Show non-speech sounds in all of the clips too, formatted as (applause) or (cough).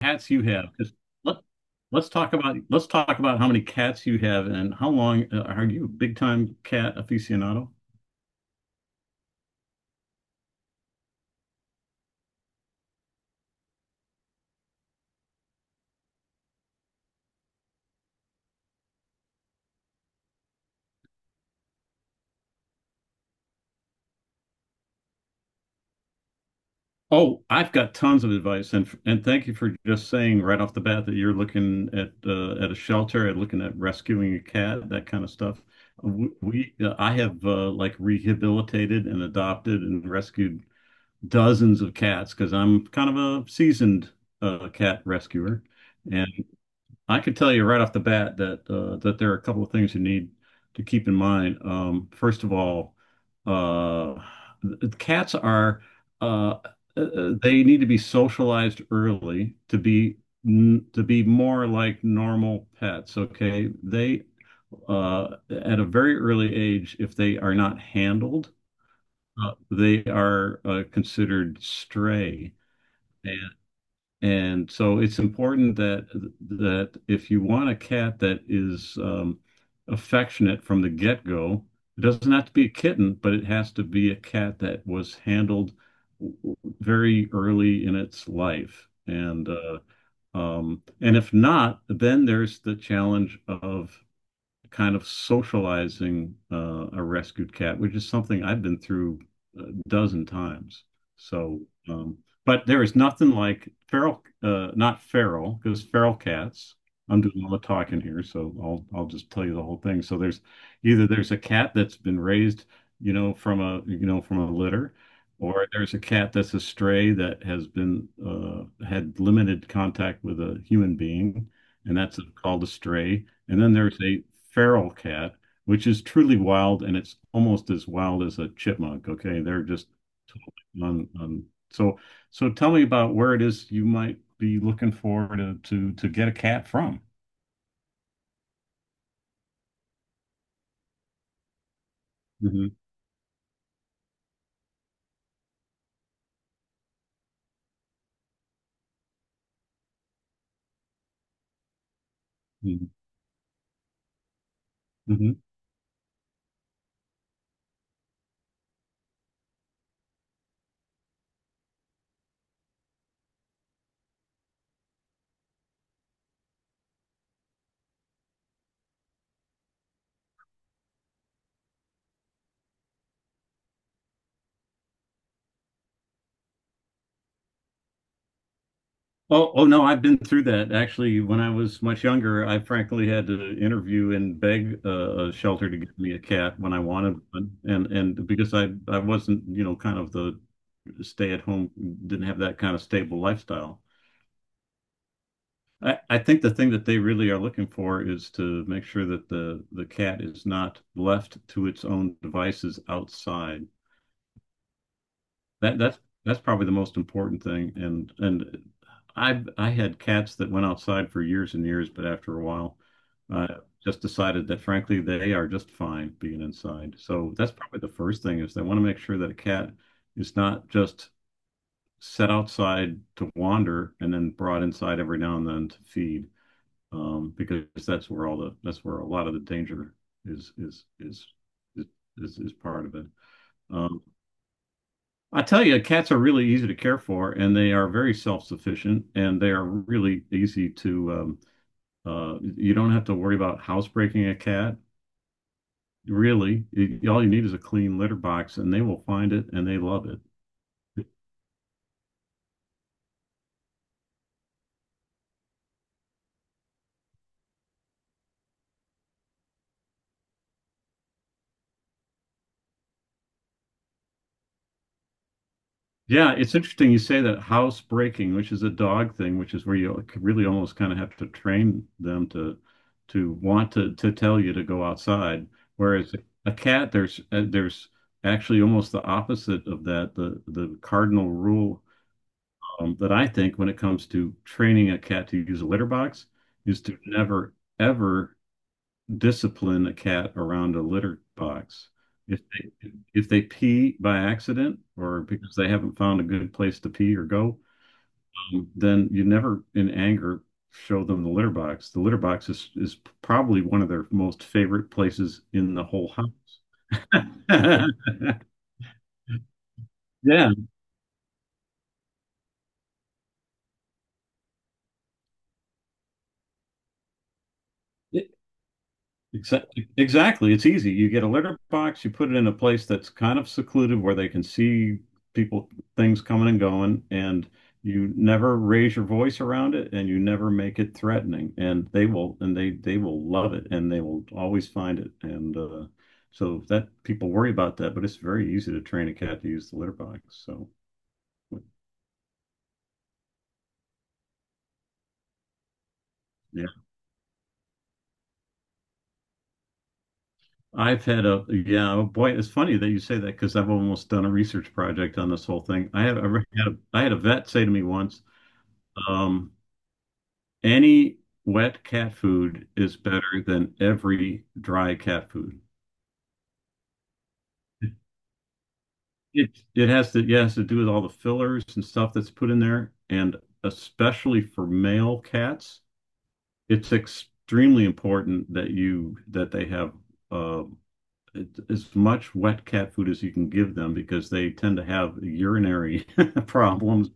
Cats you have. 'Cause let, let's talk about how many cats you have and how long are you a big time cat aficionado? Oh, I've got tons of advice, and thank you for just saying right off the bat that you're looking at a shelter, at looking at rescuing a cat, that kind of stuff. We I have like rehabilitated and adopted and rescued dozens of cats because I'm kind of a seasoned cat rescuer. I can tell you right off the bat that that there are a couple of things you need to keep in mind. First of all, uh, cats are uh, they need to be socialized early to be to be more like normal pets. Okay, they at a very early age, if they are not handled, they are considered stray. And so it's important that if you want a cat that is affectionate from the get-go, it doesn't have to be a kitten, but it has to be a cat that was handled very early in its life. And if not, then there's the challenge of kind of socializing a rescued cat, which is something I've been through a dozen times. So, um, but there is nothing like feral, not feral, because feral cats. I'm doing all the talking here, so I'll just tell you the whole thing. So there's either there's a cat that's been raised, from a from a litter, or there's a cat that's a stray that has been had limited contact with a human being, and that's called a stray, and then there's a feral cat, which is truly wild, and it's almost as wild as a chipmunk. Okay, they're just totally on, on. So, so tell me about where it is you might be looking for to get a cat from. Hmm. Hmm. Oh, oh no, I've been through that actually. When I was much younger, I frankly had to interview and beg a shelter to give me a cat when I wanted one, and because I wasn't, you know, kind of the stay at home, didn't have that kind of stable lifestyle. I think the thing that they really are looking for is to make sure that the cat is not left to its own devices outside. That's probably the most important thing. And I had cats that went outside for years and years, but after a while, I just decided that frankly they are just fine being inside. So that's probably the first thing is they want to make sure that a cat is not just set outside to wander and then brought inside every now and then to feed, because that's where all the that's where a lot of the danger is is is is, is part of it. Um, I tell you, cats are really easy to care for, and they are very self-sufficient, and they are really easy to. You don't have to worry about housebreaking a cat. Really, all you need is a clean litter box, and they will find it and they love it. Yeah, it's interesting you say that house breaking, which is a dog thing, which is where you really almost kind of have to train them to want to tell you to go outside. Whereas a cat, there's actually almost the opposite of that, the cardinal rule that I think when it comes to training a cat to use a litter box is to never ever discipline a cat around a litter box. If they pee by accident or because they haven't found a good place to pee or go, then you never in anger show them the litter box. The litter box is probably one of their most favorite places in the whole house. (laughs) Yeah. Exactly. Exactly. It's easy. You get a litter box, you put it in a place that's kind of secluded where they can see people, things coming and going, and you never raise your voice around it and you never make it threatening. And they will, and they will love it and they will always find it. And so that people worry about that, but it's very easy to train a cat to use the litter box. So yeah, I've had a yeah, oh boy, it's funny that you say that because I've almost done a research project on this whole thing. I had a vet say to me once. Um, any wet cat food is better than every dry cat food. It has to Yeah, it has to do with all the fillers and stuff that's put in there, and especially for male cats, it's extremely important that you that they have uh, as much wet cat food as you can give them because they tend to have urinary (laughs) problems.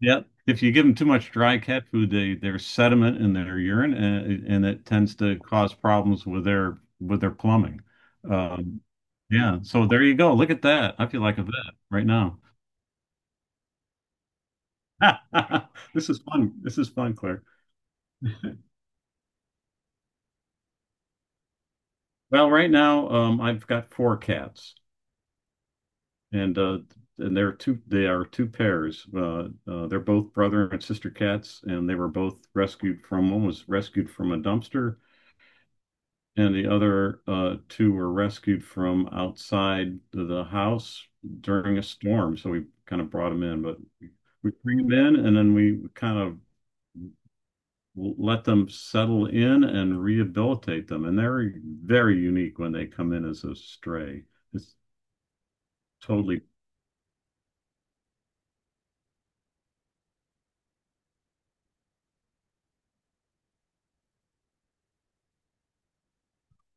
Yeah. If you give them too much dry cat food, they there's sediment in their urine, and, and it tends to cause problems with their plumbing. Um, yeah. So there you go. Look at that. I feel like a vet right now. (laughs) This is fun. This is fun, Claire. Well, right now, I've got four cats, and They are two pairs. They're both brother and sister cats, and they were both rescued from. One was rescued from a dumpster and the other two were rescued from outside the house during a storm. So we kind of brought them in, but we bring them in and then we kind of let them settle in and rehabilitate them. And they're very unique when they come in as a stray. It's totally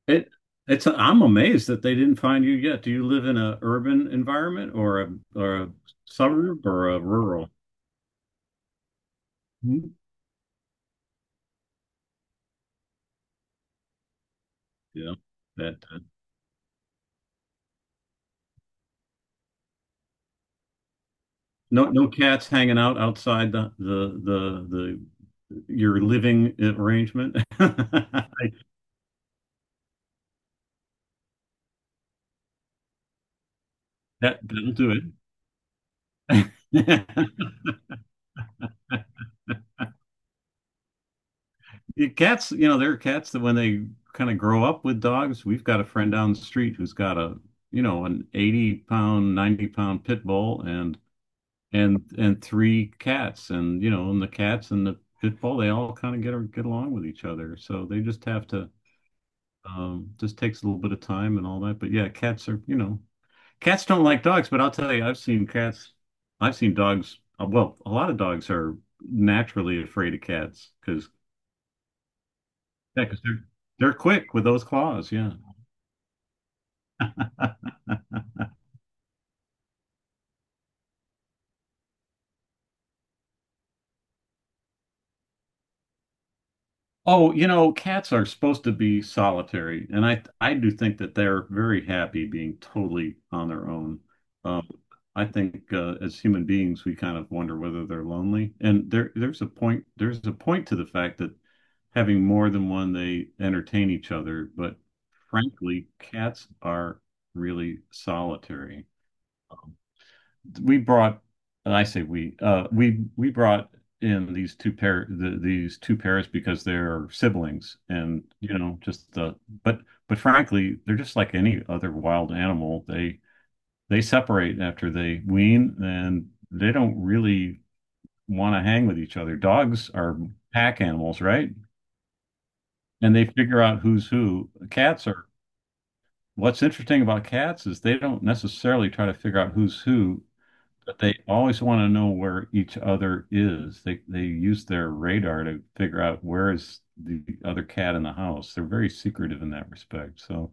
it. It's, I'm amazed that they didn't find you yet. Do you live in an urban environment or a suburb or a rural? Mhm. Yeah, that. No, no cats hanging out outside the your living arrangement. (laughs) I- That that'll do it. (laughs) Your cats, you know, there are cats that when they kind of grow up with dogs, we've got a friend down the street who's got a, you know, an 80 pound, 90 pound pit bull and three cats, and you know, and the cats and the pit bull, they all kind of get along with each other. So they just have to, just takes a little bit of time and all that. But yeah, cats are, you know, cats don't like dogs, but I'll tell you, I've seen cats. I've seen dogs. Well, a lot of dogs are naturally afraid of cats because yeah, 'cause they're quick with those claws. Yeah. (laughs) Oh, you know, cats are supposed to be solitary, and I do think that they're very happy being totally on their own. Um, I think as human beings, we kind of wonder whether they're lonely, and there's a point, to the fact that having more than one, they entertain each other. But frankly, cats are really solitary. We brought, and I say We brought in these two pairs because they're siblings, and you know, just the but but frankly, they're just like any other wild animal. They separate after they wean, and they don't really want to hang with each other. Dogs are pack animals, right? And they figure out who's who. Cats are. What's interesting about cats is they don't necessarily try to figure out who's who. But they always want to know where each other is. They use their radar to figure out where is the other cat in the house. They're very secretive in that respect. So,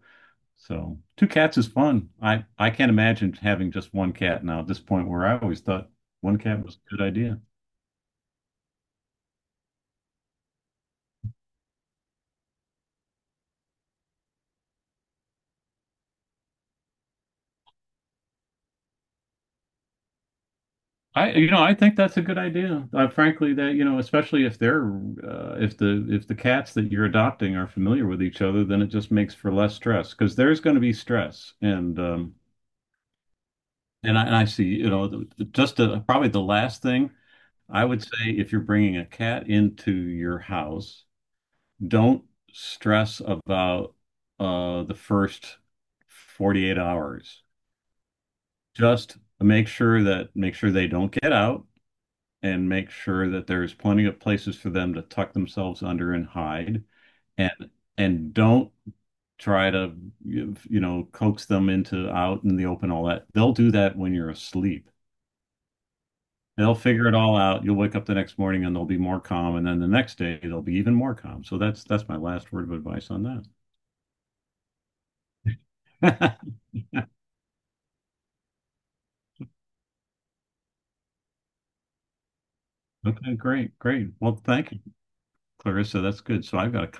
so two cats is fun. I can't imagine having just one cat now at this point where I always thought one cat was a good idea. I You know, I think that's a good idea. Frankly, that you know, especially if they're if the cats that you're adopting are familiar with each other, then it just makes for less stress because there's going to be stress and. And I see, you know, probably the last thing I would say if you're bringing a cat into your house, don't stress about the first 48 hours. Just make sure that Make sure they don't get out and make sure that there's plenty of places for them to tuck themselves under and hide. And don't try to, you know, coax them into out in the open all that. They'll do that when you're asleep. They'll figure it all out. You'll wake up the next morning and they'll be more calm, and then the next day they'll be even more calm. So that's my last word of advice on that. (laughs) Okay, great, great. Well, thank you, Clarissa. That's good. So I've got a copy.